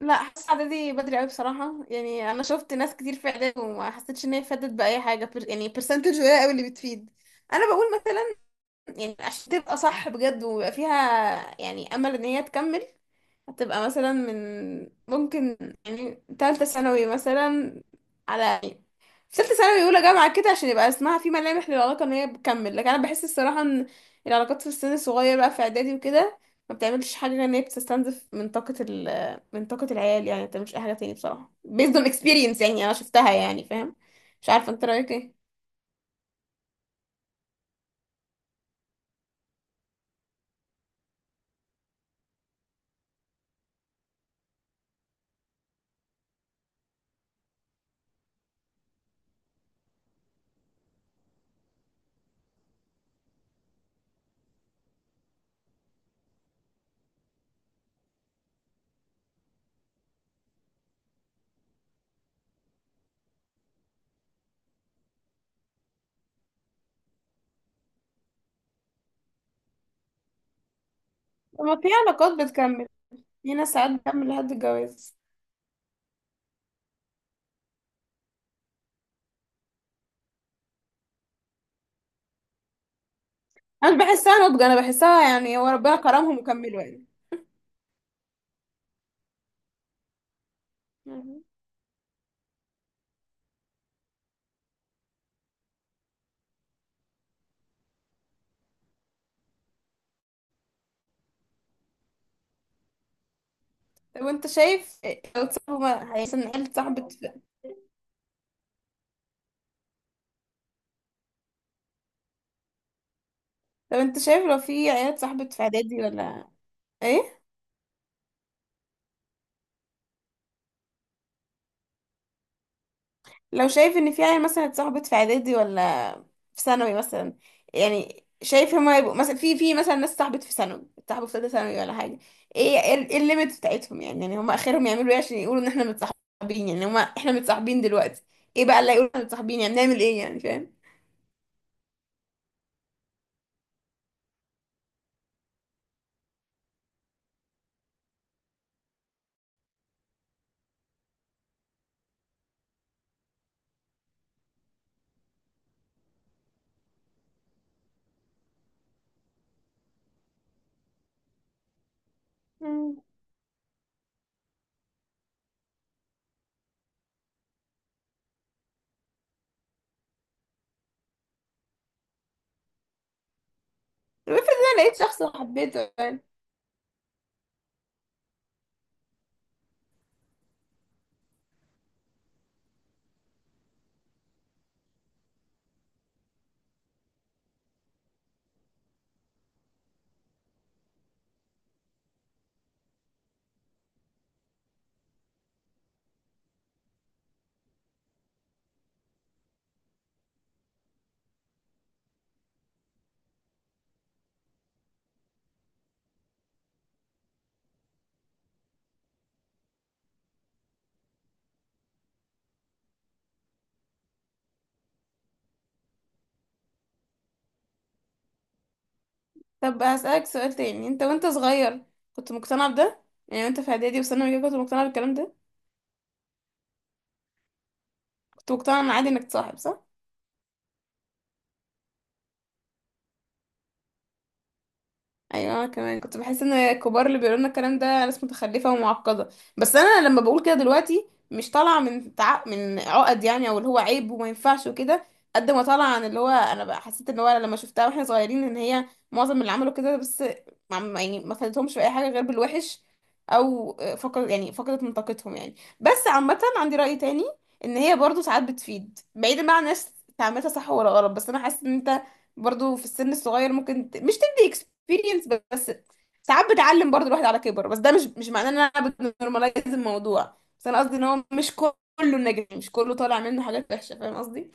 لا، حاسه اعدادي بدري قوي بصراحه. يعني انا شفت ناس كتير في اعدادي وما حسيتش ان هي فادت باي حاجه يعني برسنتج قليل قوي اللي بتفيد. انا بقول مثلا، يعني عشان تبقى صح بجد ويبقى فيها يعني امل ان هي تكمل، هتبقى مثلا ممكن يعني تالتة ثانوي مثلا، على يعني في تالتة ثانوي أولى جامعة كده، عشان يبقى اسمها في ملامح للعلاقة إن هي بتكمل. لكن أنا بحس الصراحة إن العلاقات في السن الصغير بقى في إعدادي وكده ما بتعملش حاجة غير إن هي بتستنزف من طاقة من طاقة العيال. يعني ما بتعملش أي حاجة تاني بصراحة، based on experience يعني، أنا شفتها يعني، فاهم؟ مش عارفة أنت رأيك إيه. لما في علاقات بتكمل، في ناس ساعات بتكمل لحد الجواز. أنا مش بحسها نضج، أنا بحسها يعني هو ربنا كرمهم وكملوا يعني. طب انت شايف لو صاحبه مثلا عيلة صاحبة لو انت شايف لو في عيلة صاحبة في اعدادي ولا ايه، لو شايف ان في عيلة مثلا اتصاحبت في اعدادي ولا في ثانوي مثلا، يعني شايف هما يبقوا مثلا في مثلا ناس صاحبت في ثانوي، صاحبوا في ثالثة ثانوي ولا حاجة؟ ايه الليميت بتاعتهم يعني؟ يعني هما اخرهم يعملوا ايه عشان يقولوا ان احنا متصاحبين؟ يعني هما احنا متصاحبين دلوقتي، ايه بقى اللي هيقولوا احنا متصاحبين؟ يعني نعمل ايه يعني، فاهم؟ مم. طب افرض انا لقيت شخص وحبيته يعني. طب هسألك سؤال تاني، انت وانت صغير كنت مقتنع بده؟ يعني وانت في اعدادي وثانوي كده كنت مقتنع بالكلام ده؟ كنت مقتنع ان عادي انك تصاحب، صح؟ ايوه، أنا كمان كنت بحس ان الكبار اللي بيقولوا لنا الكلام ده ناس متخلفه ومعقده. بس انا لما بقول كده دلوقتي مش طالعه من من عقد يعني، او اللي هو عيب وما ينفعش وكده، قد ما طالعه عن اللي هو انا بقى حسيت ان هو لما شفتها واحنا صغيرين ان هي معظم اللي عملوا كده بس يعني ما فادتهمش في اي حاجه غير بالوحش، او فقد يعني فقدت من طاقتهم يعني. بس عامه عندي راي تاني، ان هي برضو ساعات بتفيد بعيدا بقى عن الناس تعملها صح ولا غلط. بس انا حاسه ان انت برضو في السن الصغير ممكن مش اكسبيرينس بس، ساعات بتعلم برضو الواحد على كبر. بس ده مش معناه ان انا بنورماليز الموضوع، بس انا قصدي ان هو مش كله نجم، مش كله طالع منه حاجات وحشه، فاهم قصدي؟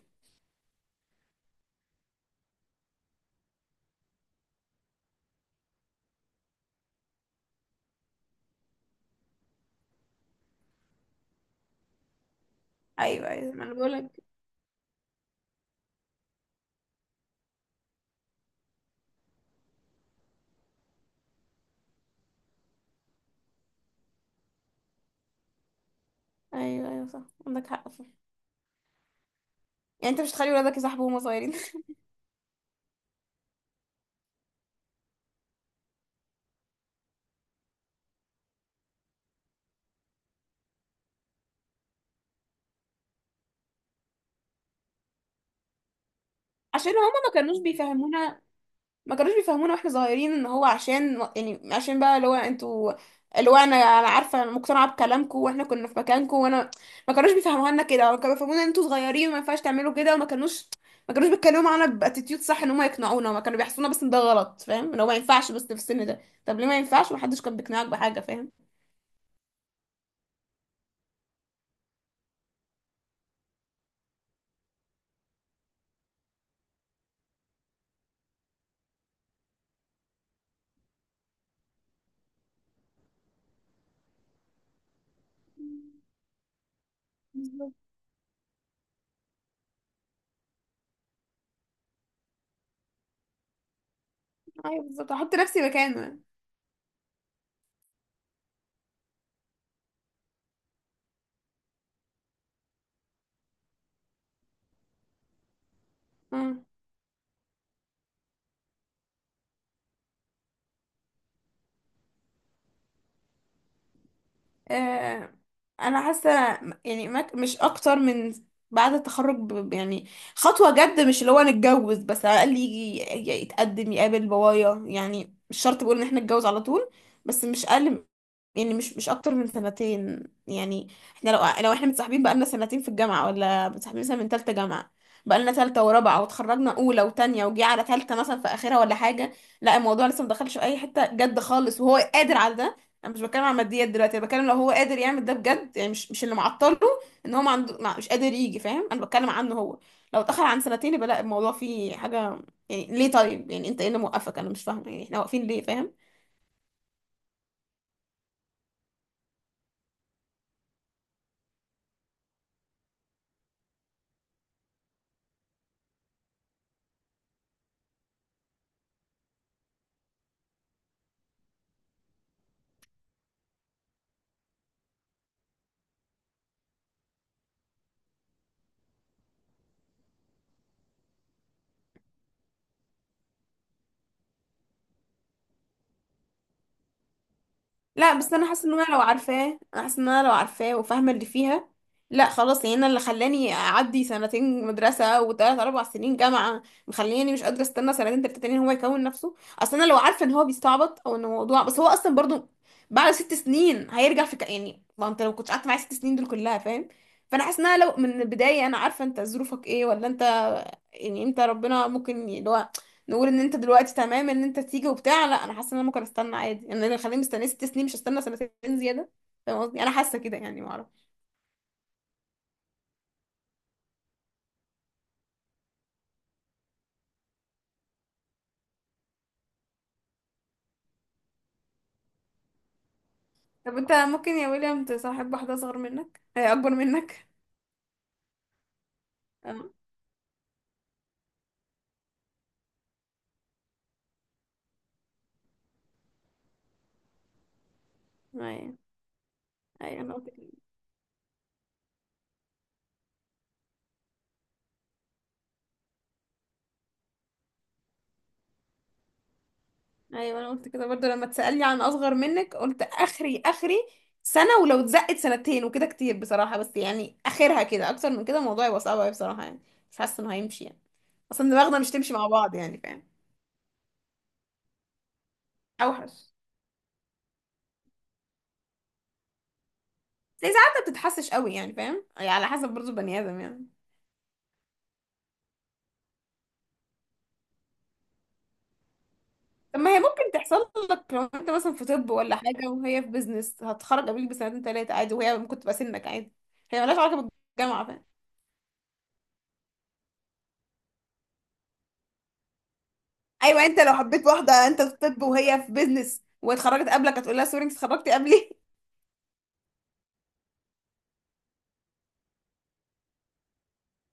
ايوه ايوه، ما انا بقول لك. ايوه ايوه، صح، عندك حق فيه. يعني انت مش تخلي ولادك يصاحبوا وهم صغيرين؟ عشان هما ما كانوش بيفهمونا، ما كانوش بيفهمونا واحنا صغيرين ان هو عشان يعني، عشان بقى اللي هو انتوا، اللي هو انا عارفه انا مقتنعه بكلامكم واحنا كنا في مكانكم، وانا ما كانوش بيفهموها لنا كده، ما كانوا بيفهمونا ان انتوا صغيرين وما ينفعش تعملوا كده. وما كانوش، ما كانوش بيتكلموا معانا باتيتيود صح ان هم يقنعونا، ما كانوا بيحسونا بس ان ده غلط، فاهم؟ ان هو ما ينفعش بس في السن ده. طب ليه ما ينفعش ومحدش كان بيقنعك بحاجه، فاهم؟ بالظبط. ايوه بالظبط، احط نفسي مكانه. يعني. آه، انا حاسه يعني ما مش اكتر من بعد التخرج يعني خطوه جد، مش اللي هو نتجوز، بس على الاقل يجي يتقدم يقابل بابايا. يعني مش شرط بقول ان احنا نتجوز على طول، بس مش اقل يعني، مش اكتر من 2 سنين يعني. احنا لو، لو احنا متصاحبين بقالنا 2 سنين في الجامعه، ولا متصاحبين مثلا من تالتة جامعه، بقالنا تالتة ورابعه، وتخرجنا اولى وتانية وجي على تالتة مثلا في اخرها ولا حاجه، لا الموضوع لسه مدخلش في اي حته جد خالص وهو قادر على ده. انا مش بتكلم عن ماديات دلوقتي، انا بتكلم لو هو قادر يعمل ده بجد، يعني مش اللي معطله ان هو ما عنده مش قادر يجي، فاهم؟ انا بتكلم عنه هو. لو اتاخر عن 2 سنين يبقى لا، الموضوع فيه حاجه يعني. ليه طيب؟ يعني انت ايه اللي موقفك؟ انا مش فاهمه يعني احنا واقفين ليه، فاهم؟ لا بس انا حاسه ان انا لو عارفاه، انا حاسه ان انا لو عارفاه وفاهمه اللي فيها، لا خلاص يعني. انا اللي خلاني اعدي 2 سنين مدرسه وثلاث اربع سنين جامعه مخليني مش قادره استنى 2 3 تانيين هو يكون نفسه. اصل انا لو عارفه ان هو بيستعبط او ان الموضوع بس، هو اصلا برضو بعد 6 سنين هيرجع في يعني، ما انت لو كنت قعدت معايا 6 سنين دول كلها، فاهم؟ فانا حاسه ان انا لو من البدايه انا عارفه انت ظروفك ايه ولا انت، يعني انت ربنا ممكن نقول ان انت دلوقتي تمام ان انت تيجي وبتاع، لا انا حاسه ان انا ممكن استنى عادي يعني. انا اللي خليني مستنيه 6 سنين مش هستنى 2 سنين زياده، فاهم قصدي؟ انا حاسه كده يعني، ما اعرف. طب انت ممكن يا ويليام تصاحب واحده اصغر منك هي اكبر منك؟ اه. ايوه ايوه، انا قلت كده. ايوه انا قلت كده برضو لما تسالني عن اصغر منك، قلت اخري سنه، ولو اتزقت 2 سنين وكده كتير بصراحه. بس يعني اخرها كده، اكتر من كده الموضوع يبقى صعب قوي بصراحه يعني، مش حاسه انه هيمشي يعني. اصلا دماغنا مش تمشي مع بعض يعني، فاهم؟ اوحش. زي ساعات ما بتتحسش قوي يعني، فاهم؟ يعني على حسب برضو بني ادم يعني. طب ما هي ممكن تحصل لك لو انت مثلا في طب ولا حاجه وهي في بيزنس، هتخرج قبلك ب2 3 سنين عادي، وهي ممكن تبقى سنك عادي. هي مالهاش علاقه بالجامعه، فاهم؟ ايوه، انت لو حبيت واحده انت في طب وهي في بيزنس واتخرجت قبلك، هتقول لها سوري انت اتخرجتي قبلي؟